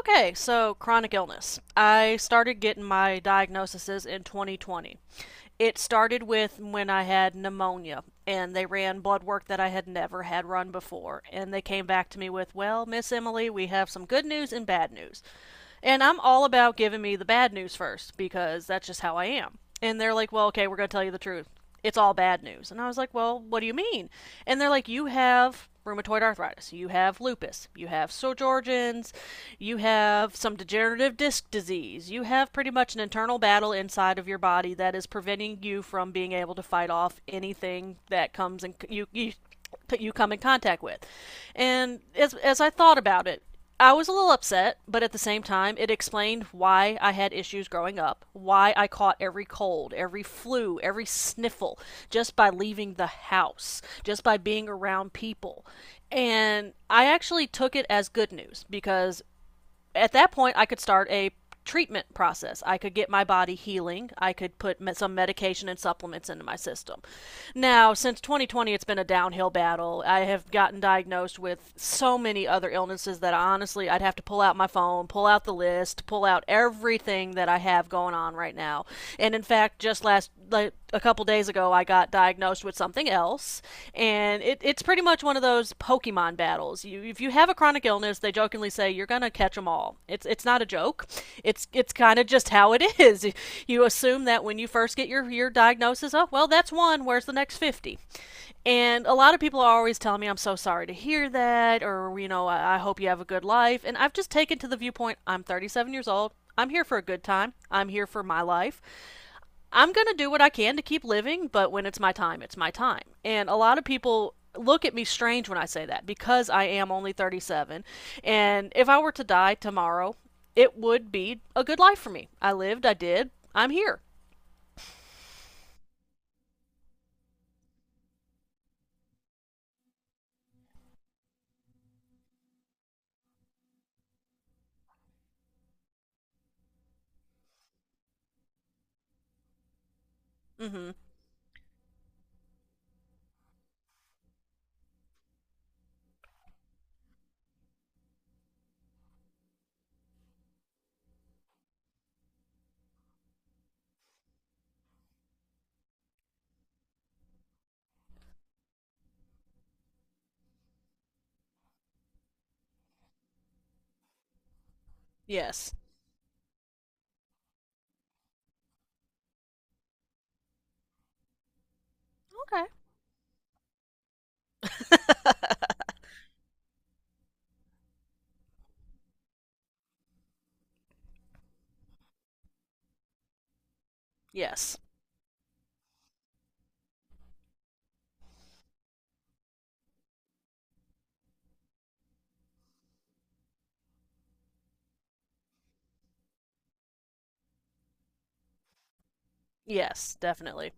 Okay, so chronic illness. I started getting my diagnoses in 2020. It started with when I had pneumonia, and they ran blood work that I had never had run before. And they came back to me with, Well, Miss Emily, we have some good news and bad news. And I'm all about giving me the bad news first because that's just how I am. And they're like, Well, okay, we're going to tell you the truth, it's all bad news. And I was like, well, what do you mean? And they're like, you have rheumatoid arthritis, you have lupus, you have Sjogren's, you have some degenerative disc disease, you have pretty much an internal battle inside of your body that is preventing you from being able to fight off anything that comes and you that you come in contact with. And as I thought about it, I was a little upset, but at the same time, it explained why I had issues growing up, why I caught every cold, every flu, every sniffle just by leaving the house, just by being around people. And I actually took it as good news because at that point, I could start a treatment process. I could get my body healing. I could put some medication and supplements into my system. Now, since 2020, it's been a downhill battle. I have gotten diagnosed with so many other illnesses that honestly, I'd have to pull out my phone, pull out the list, pull out everything that I have going on right now. And in fact, just last like a couple days ago I got diagnosed with something else, and it's pretty much one of those Pokemon battles. If you have a chronic illness, they jokingly say you're gonna catch them all. It's not a joke. It's kind of just how it is. You assume that when you first get your diagnosis, oh well, that's one. Where's the next 50? And a lot of people are always telling me, I'm so sorry to hear that, or, I hope you have a good life. And I've just taken to the viewpoint I'm 37 years old. I'm here for a good time. I'm here for my life. I'm going to do what I can to keep living, but when it's my time, it's my time. And a lot of people look at me strange when I say that because I am only 37. And if I were to die tomorrow, it would be a good life for me. I lived, I did, I'm here. Mm hmm. Yes. Okay. Yes. Yes, definitely.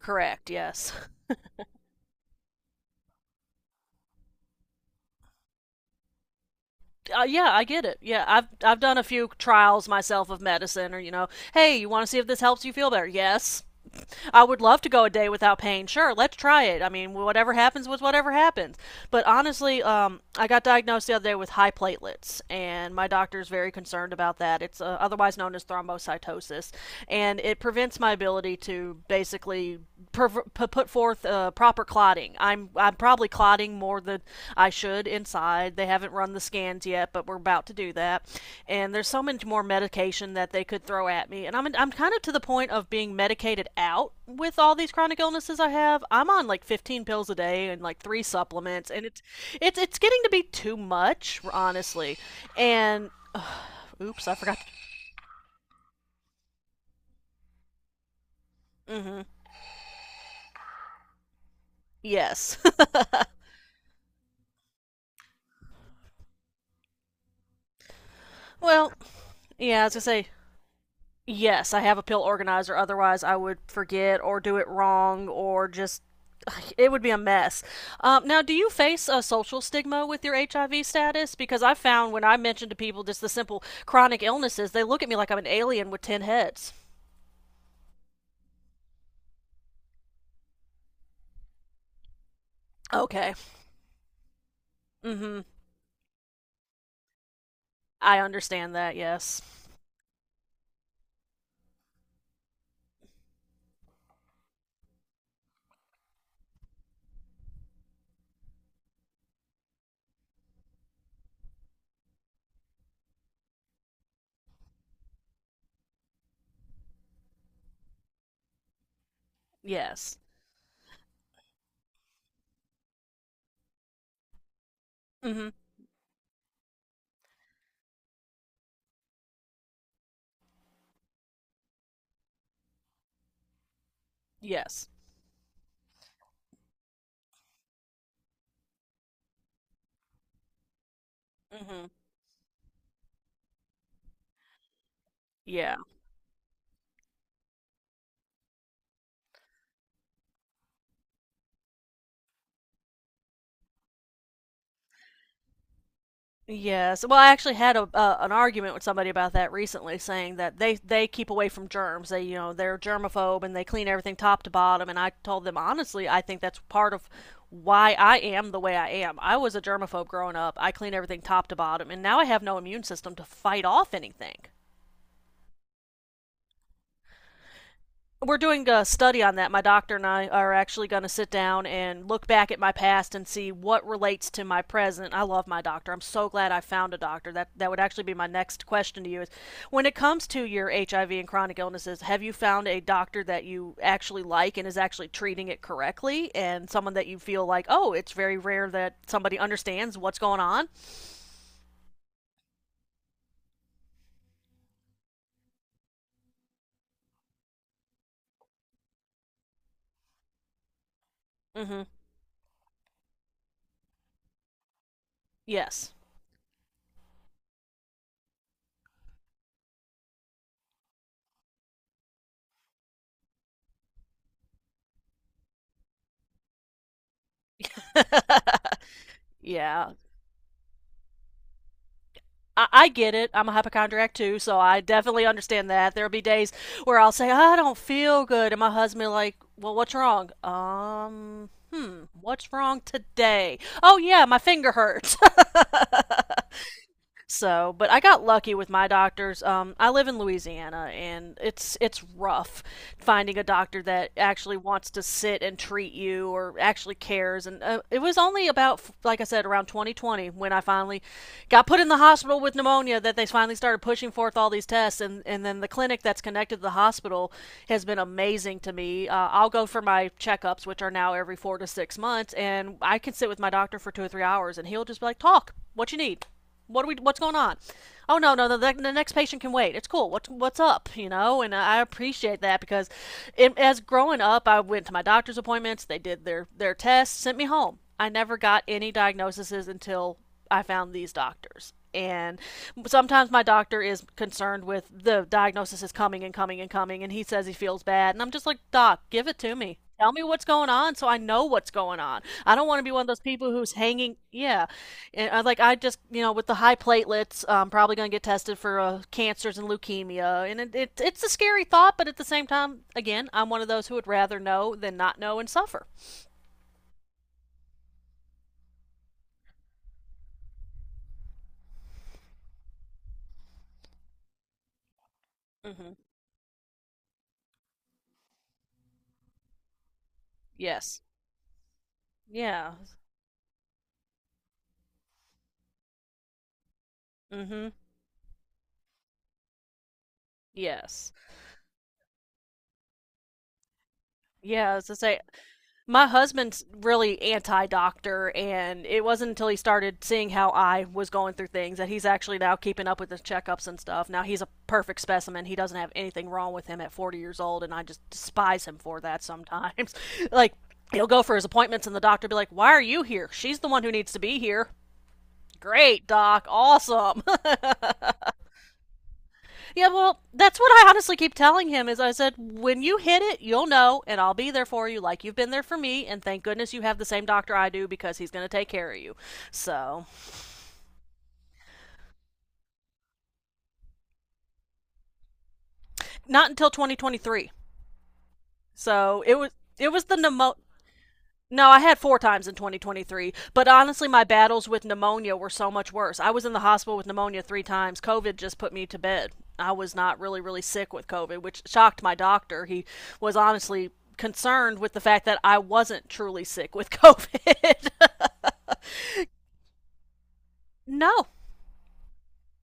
Correct. Yes. Yeah, I get it. Yeah, I've done a few trials myself of medicine, or hey, you want to see if this helps you feel better? Yes. I would love to go a day without pain. Sure, let's try it. I mean, whatever happens was whatever happens. But honestly, I got diagnosed the other day with high platelets, and my doctor is very concerned about that. It's otherwise known as thrombocytosis, and it prevents my ability to basically put forth proper clotting. I'm probably clotting more than I should inside. They haven't run the scans yet, but we're about to do that. And there's so much more medication that they could throw at me. And I'm kind of to the point of being medicated out with all these chronic illnesses I have. I'm on like 15 pills a day and like three supplements, and it's getting to be too much, honestly. And oops, I forgot. Mm-hmm. Yes. Well, yeah, I was gonna say, yes, I have a pill organizer. Otherwise, I would forget or do it wrong or just. It would be a mess. Now, do you face a social stigma with your HIV status? Because I found when I mention to people just the simple chronic illnesses, they look at me like I'm an alien with 10 heads. Okay. Mm hmm. I understand that. Yes. Yes. Mm hmm. Yes. Mm hmm. Yeah. Yes. Well, I actually had a an argument with somebody about that recently, saying that they keep away from germs. They're germaphobe and they clean everything top to bottom. And I told them honestly, I think that's part of why I am the way I am. I was a germaphobe growing up. I clean everything top to bottom, and now I have no immune system to fight off anything. We're doing a study on that. My doctor and I are actually going to sit down and look back at my past and see what relates to my present. I love my doctor. I'm so glad I found a doctor. That would actually be my next question to you is, when it comes to your HIV and chronic illnesses, have you found a doctor that you actually like and is actually treating it correctly and someone that you feel like, "Oh, it's very rare that somebody understands what's going on?" Mhm. Yes. Yeah. I get it. I'm a hypochondriac too, so I definitely understand that. There'll be days where I'll say, I don't feel good. And my husband, like, well, what's wrong? What's wrong today? Oh, yeah, my finger hurts. So, but I got lucky with my doctors. I live in Louisiana, and it's rough finding a doctor that actually wants to sit and treat you or actually cares. And it was only about, like I said, around 2020 when I finally got put in the hospital with pneumonia that they finally started pushing forth all these tests. And then the clinic that's connected to the hospital has been amazing to me. I'll go for my checkups, which are now every 4 to 6 months, and I can sit with my doctor for 2 or 3 hours, and he'll just be like, "Talk, what you need. What are we? What's going on? Oh no, no, the next patient can wait. It's cool. What's up?" You know, and I appreciate that because, as growing up, I went to my doctor's appointments. They did their tests, sent me home. I never got any diagnoses until I found these doctors. And sometimes my doctor is concerned with the diagnosis is coming and coming and coming, and he says he feels bad, and I'm just like, Doc, give it to me. Tell me what's going on so I know what's going on. I don't want to be one of those people who's hanging. Yeah. And I, like, I just, with the high platelets, I'm probably going to get tested for cancers and leukemia. And it's a scary thought, but at the same time, again, I'm one of those who would rather know than not know and suffer. Hmm. Yes. Yeah. Hmm. Yes. Yeah. As I say, my husband's really anti-doctor, and it wasn't until he started seeing how I was going through things that he's actually now keeping up with the checkups and stuff. Now he's a perfect specimen. He doesn't have anything wrong with him at 40 years old, and I just despise him for that sometimes. Like, he'll go for his appointments, and the doctor will be like, why are you here? She's the one who needs to be here. Great doc. Awesome. Yeah, well, that's what I honestly keep telling him is I said, when you hit it, you'll know, and I'll be there for you like you've been there for me, and thank goodness you have the same doctor I do because he's going to take care of you. So, not until 2023. So, it was the pneumo- No, I had four times in 2023, but honestly, my battles with pneumonia were so much worse. I was in the hospital with pneumonia three times. COVID just put me to bed. I was not really, really sick with COVID, which shocked my doctor. He was honestly concerned with the fact that I wasn't truly sick with COVID. No,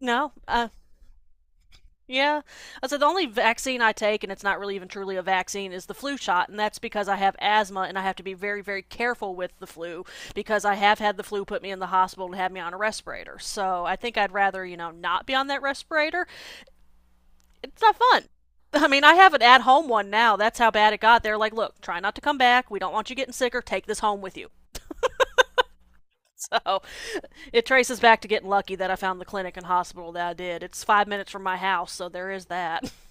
no. Yeah. I said the only vaccine I take, and it's not really even truly a vaccine, is the flu shot, and that's because I have asthma and I have to be very, very careful with the flu because I have had the flu put me in the hospital and have me on a respirator. So I think I'd rather, not be on that respirator. It's not fun. I mean, I have an at home one now. That's how bad it got. They're like, look, try not to come back. We don't want you getting sicker. Take this home with you. So it traces back to getting lucky that I found the clinic and hospital that I did. It's 5 minutes from my house, so there is that.